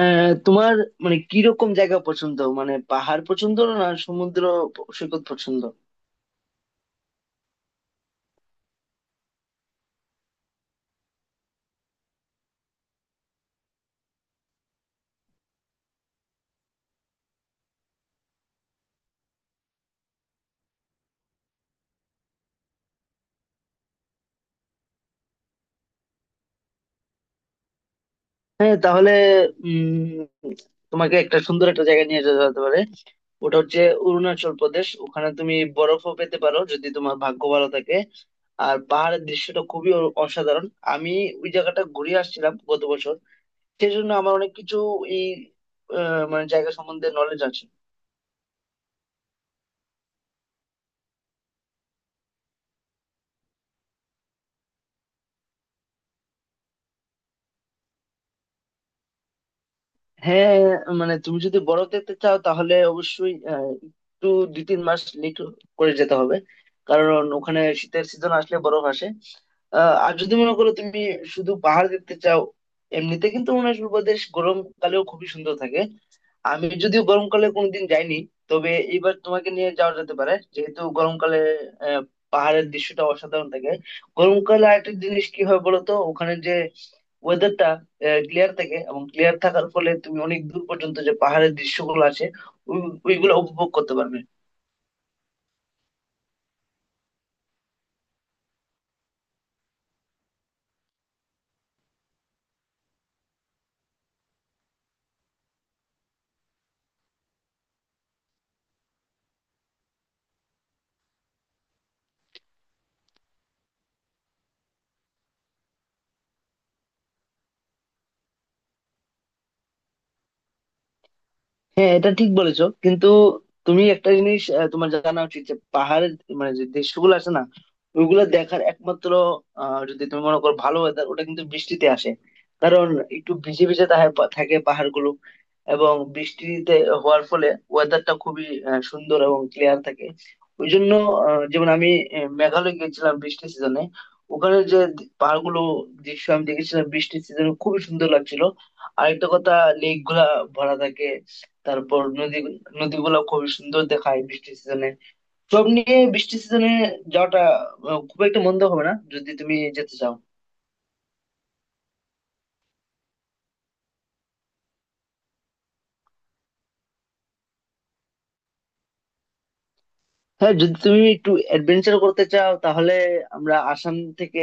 তোমার মানে কিরকম জায়গা পছন্দ? মানে পাহাড় পছন্দ না সমুদ্র সৈকত পছন্দ? হ্যাঁ, তাহলে উম তোমাকে একটা সুন্দর একটা জায়গা নিয়ে যেতে হতে পারে। ওটা হচ্ছে অরুণাচল প্রদেশ। ওখানে তুমি বরফও পেতে পারো যদি তোমার ভাগ্য ভালো থাকে। আর পাহাড়ের দৃশ্যটা খুবই অসাধারণ। আমি ওই জায়গাটা ঘুরে আসছিলাম গত বছর, সেই জন্য আমার অনেক কিছু এই মানে জায়গা সম্বন্ধে নলেজ আছে। হ্যাঁ, মানে তুমি যদি বরফ দেখতে চাও তাহলে অবশ্যই একটু 2-3 মাস লেট করে যেতে হবে, কারণ ওখানে শীতের সিজন আসলে বরফ আসে। আর যদি মনে করো তুমি শুধু পাহাড় দেখতে চাও, এমনিতে কিন্তু অরুণাচল প্রদেশ গরমকালেও খুবই সুন্দর থাকে। আমি যদিও গরমকালে কোনোদিন যাইনি, তবে এবার তোমাকে নিয়ে যাওয়া যেতে পারে, যেহেতু গরমকালে আহ, পাহাড়ের দৃশ্যটা অসাধারণ থাকে। গরমকালে আরেকটা জিনিস কি হয় বলো তো, ওখানে যে ওয়েদারটা ক্লিয়ার থাকে, এবং ক্লিয়ার থাকার ফলে তুমি অনেক দূর পর্যন্ত যে পাহাড়ের দৃশ্যগুলো আছে ওইগুলো উপভোগ করতে পারবে। হ্যাঁ, এটা ঠিক বলেছো, কিন্তু তুমি একটা জিনিস তোমার জানা উচিত, যে পাহাড়ের মানে যে দৃশ্যগুলো আছে না, ওইগুলো দেখার একমাত্র যদি তুমি মনে করো ভালো ওয়েদার, ওটা কিন্তু বৃষ্টিতে আসে। কারণ একটু ভিজে ভিজে থাকে, থাকে পাহাড়গুলো, এবং বৃষ্টিতে হওয়ার ফলে ওয়েদারটা খুবই সুন্দর এবং ক্লিয়ার থাকে। ওই জন্য যেমন আমি মেঘালয় গিয়েছিলাম বৃষ্টির সিজনে, ওখানে যে পাহাড়গুলো দৃশ্য আমি দেখেছিলাম বৃষ্টির সিজনে, খুবই সুন্দর লাগছিল। আরেকটা কথা, লেক গুলা ভরা থাকে, তারপর নদী, নদীগুলো খুবই সুন্দর দেখায় বৃষ্টির সিজনে। সব নিয়ে বৃষ্টির সিজনে যাওয়াটা খুব একটা মন্দ হবে না যদি তুমি যেতে চাও। হ্যাঁ, যদি তুমি একটু অ্যাডভেঞ্চার করতে চাও তাহলে আমরা আসাম থেকে,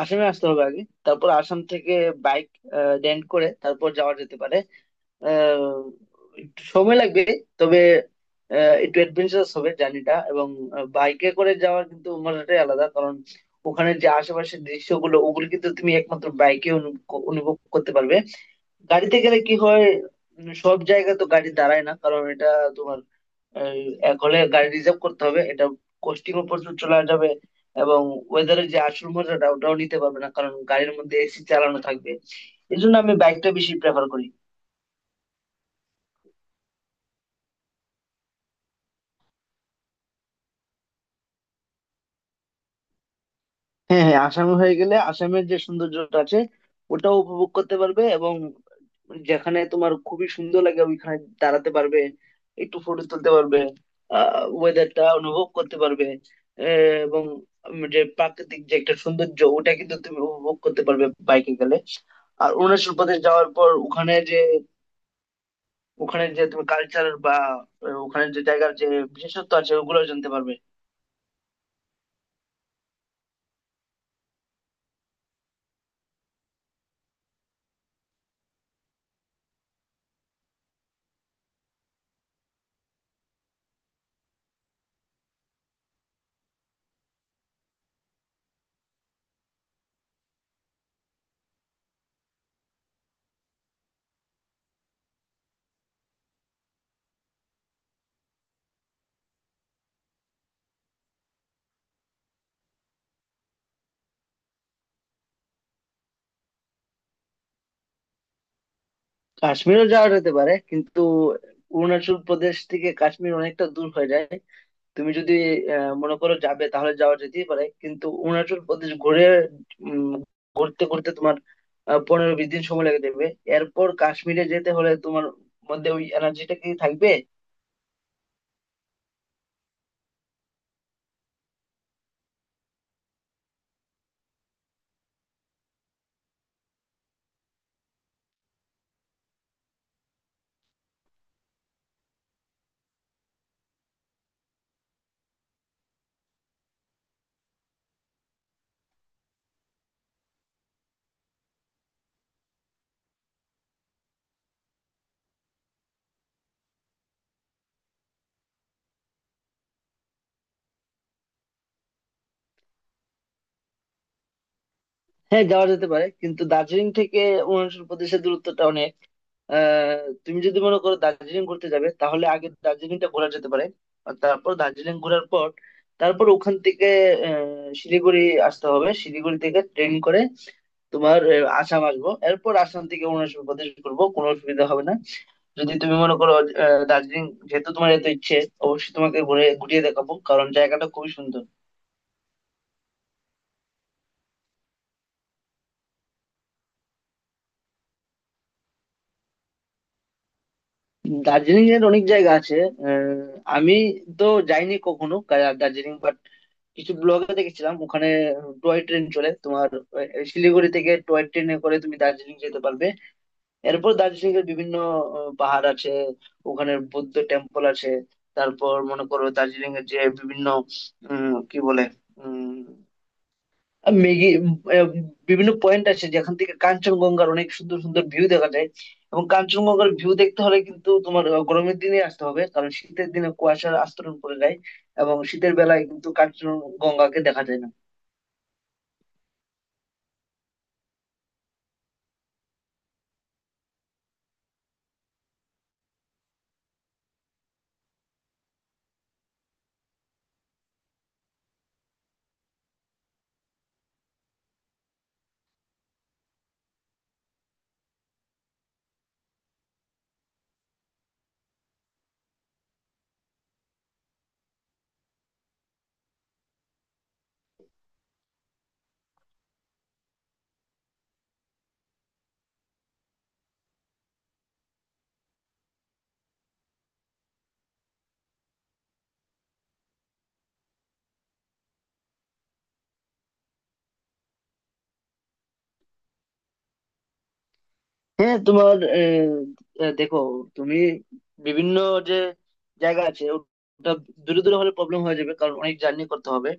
আসামে আসতে হবে আগে, তারপর আসাম থেকে বাইক রেন্ট করে তারপর যাওয়া যেতে পারে। আহ, একটু সময় লাগবে, তবে একটু অ্যাডভেঞ্চারাস হবে জার্নিটা, এবং বাইকে করে যাওয়ার কিন্তু মজাটাই আলাদা। কারণ ওখানে যে আশেপাশের দৃশ্যগুলো, ওগুলো কিন্তু তুমি একমাত্র বাইকে অনুভব করতে পারবে। গাড়িতে গেলে কি হয়, সব জায়গায় তো গাড়ি দাঁড়ায় না, কারণ এটা তোমার আহ, এক হলে গাড়ি রিজার্ভ করতে হবে, এটা কস্টিংও প্রচুর চলে যাবে, এবং ওয়েদারের যে আসল মজাটা ওটাও নিতে পারবে না, কারণ গাড়ির মধ্যে এসি চালানো থাকবে। এই জন্য আমি বাইকটা বেশি প্রেফার করি। হ্যাঁ, হ্যাঁ, আসামে হয়ে গেলে আসামের যে সৌন্দর্যটা আছে ওটাও উপভোগ করতে পারবে, এবং যেখানে তোমার খুবই সুন্দর লাগে ওইখানে দাঁড়াতে পারবে, একটু ফটো তুলতে পারবে, আহ ওয়েদারটা অনুভব করতে পারবে। আহ, এবং যে প্রাকৃতিক যে একটা সৌন্দর্য ওটা কিন্তু তুমি উপভোগ করতে পারবে বাইকে গেলে। আর অরুণাচল প্রদেশ যাওয়ার পর ওখানে যে, ওখানে যে তুমি কালচার বা ওখানে যে জায়গার যে বিশেষত্ব আছে ওগুলো জানতে পারবে। কাশ্মীরও যাওয়া যেতে পারে, কিন্তু অরুণাচল প্রদেশ থেকে কাশ্মীর অনেকটা দূর হয়ে যায়। তুমি যদি মনে করো যাবে তাহলে যাওয়া যেতেই পারে, কিন্তু অরুণাচল প্রদেশ ঘুরে উম, ঘুরতে ঘুরতে তোমার 15-20 দিন সময় লেগে যাবে। এরপর কাশ্মীরে যেতে হলে তোমার মধ্যে ওই এনার্জিটা কি থাকবে? হ্যাঁ, যাওয়া যেতে পারে, কিন্তু দার্জিলিং থেকে অরুণাচল প্রদেশের দূরত্বটা অনেক। আহ, তুমি যদি মনে করো দার্জিলিং ঘুরতে যাবে তাহলে আগে দার্জিলিংটা ঘোরা যেতে পারে। আর তারপর দার্জিলিং ঘোরার পর, তারপর ওখান থেকে শিলিগুড়ি আসতে হবে। শিলিগুড়ি থেকে ট্রেন করে তোমার আসাম আসবো, এরপর আসাম থেকে অরুণাচল প্রদেশ ঘুরবো, কোনো অসুবিধা হবে না। যদি তুমি মনে করো দার্জিলিং, যেহেতু তোমার এত ইচ্ছে, অবশ্যই তোমাকে ঘুরে ঘুরিয়ে দেখাবো, কারণ জায়গাটা খুবই সুন্দর। দার্জিলিং এর অনেক জায়গা আছে। আহ, আমি তো যাইনি কখনো দার্জিলিং, বাট কিছু ব্লগে দেখেছিলাম, ওখানে টয় ট্রেন চলে তোমার। শিলিগুড়ি থেকে টয় ট্রেনে করে তুমি দার্জিলিং যেতে পারবে। এরপর দার্জিলিং এর বিভিন্ন পাহাড় আছে, ওখানে বৌদ্ধ টেম্পল আছে। তারপর মনে করো দার্জিলিং এর যে বিভিন্ন কি বলে, আর মেঘে বিভিন্ন পয়েন্ট আছে যেখান থেকে কাঞ্চনজঙ্ঘার অনেক সুন্দর সুন্দর ভিউ দেখা যায়। এবং কাঞ্চনজঙ্ঘার ভিউ দেখতে হলে কিন্তু তোমার গরমের দিনে আসতে হবে, কারণ শীতের দিনে কুয়াশার আস্তরণ পড়ে যায়, এবং শীতের বেলায় কিন্তু কাঞ্চনজঙ্ঘাকে দেখা যায় না। হ্যাঁ, তোমার দেখো, তুমি বিভিন্ন যে জায়গা আছে ওটা দূরে দূরে হলে প্রবলেম হয়ে যাবে, কারণ অনেক জার্নি করতে হবে।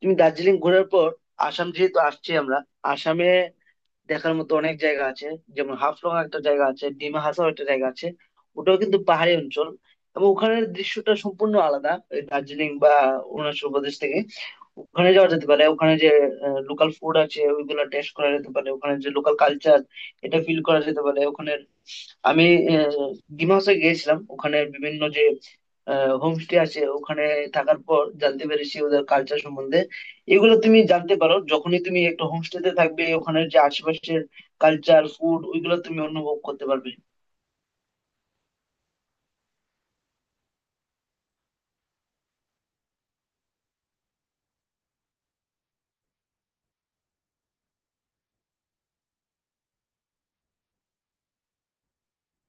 তুমি দার্জিলিং ঘোরার পর, আসাম যেহেতু আসছি আমরা, আসামে দেখার মতো অনেক জায়গা আছে। যেমন হাফলং একটা জায়গা আছে, ডিমা হাসাও একটা জায়গা আছে, ওটাও কিন্তু পাহাড়ি অঞ্চল, এবং ওখানের দৃশ্যটা সম্পূর্ণ আলাদা এই দার্জিলিং বা অরুণাচল প্রদেশ থেকে। ওখানে যাওয়া যেতে পারে, ওখানে যে লোকাল ফুড আছে ওইগুলো টেস্ট করা যেতে পারে, ওখানে যে লোকাল কালচার, এটা ফিল করা যেতে পারে। ওখানে আমি আহ, ডিমা হাসাও গিয়েছিলাম, ওখানে বিভিন্ন যে হোমস্টে আছে, ওখানে থাকার পর জানতে পেরেছি ওদের কালচার সম্বন্ধে। এগুলো তুমি জানতে পারো যখনই তুমি একটা হোমস্টেতে থাকবে, ওখানে যে আশেপাশের কালচার, ফুড, ওইগুলো তুমি অনুভব করতে পারবে।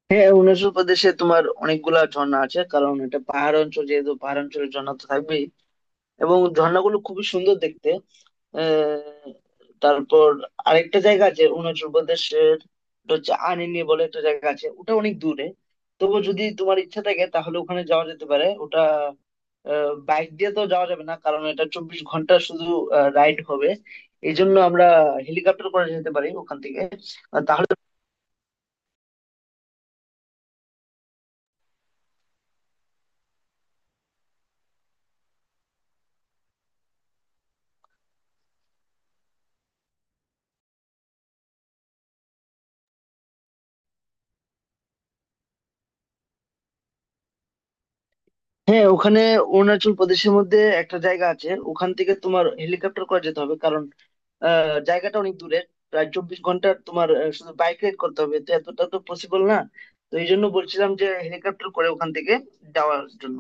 হ্যাঁ, অরুণাচল প্রদেশে তোমার অনেকগুলা ঝর্ণা আছে, কারণ এটা পাহাড় অঞ্চল, যেহেতু পাহাড় অঞ্চলের ঝর্ণা তো থাকবেই। এবং ঝর্ণাগুলো খুবই সুন্দর দেখতে। আহ, তারপর আরেকটা জায়গা আছে অরুণাচল প্রদেশের, এটা হচ্ছে আনিনি বলে একটা জায়গা আছে, ওটা অনেক দূরে। তবু যদি তোমার ইচ্ছা থাকে তাহলে ওখানে যাওয়া যেতে পারে। ওটা বাইক দিয়ে তো যাওয়া যাবে না, কারণ এটা 24 ঘন্টা শুধু রাইড হবে। এই জন্য আমরা হেলিকপ্টার করে যেতে পারি ওখান থেকে, আর তাহলে। হ্যাঁ, ওখানে অরুণাচল প্রদেশের মধ্যে একটা জায়গা আছে, ওখান থেকে তোমার হেলিকপ্টার করে যেতে হবে, কারণ আহ, জায়গাটা অনেক দূরের, প্রায় 24 ঘন্টা তোমার শুধু বাইক রাইড করতে হবে, তো এতটা তো পসিবল না। তো এই জন্য বলছিলাম যে হেলিকপ্টার করে ওখান থেকে যাওয়ার জন্য।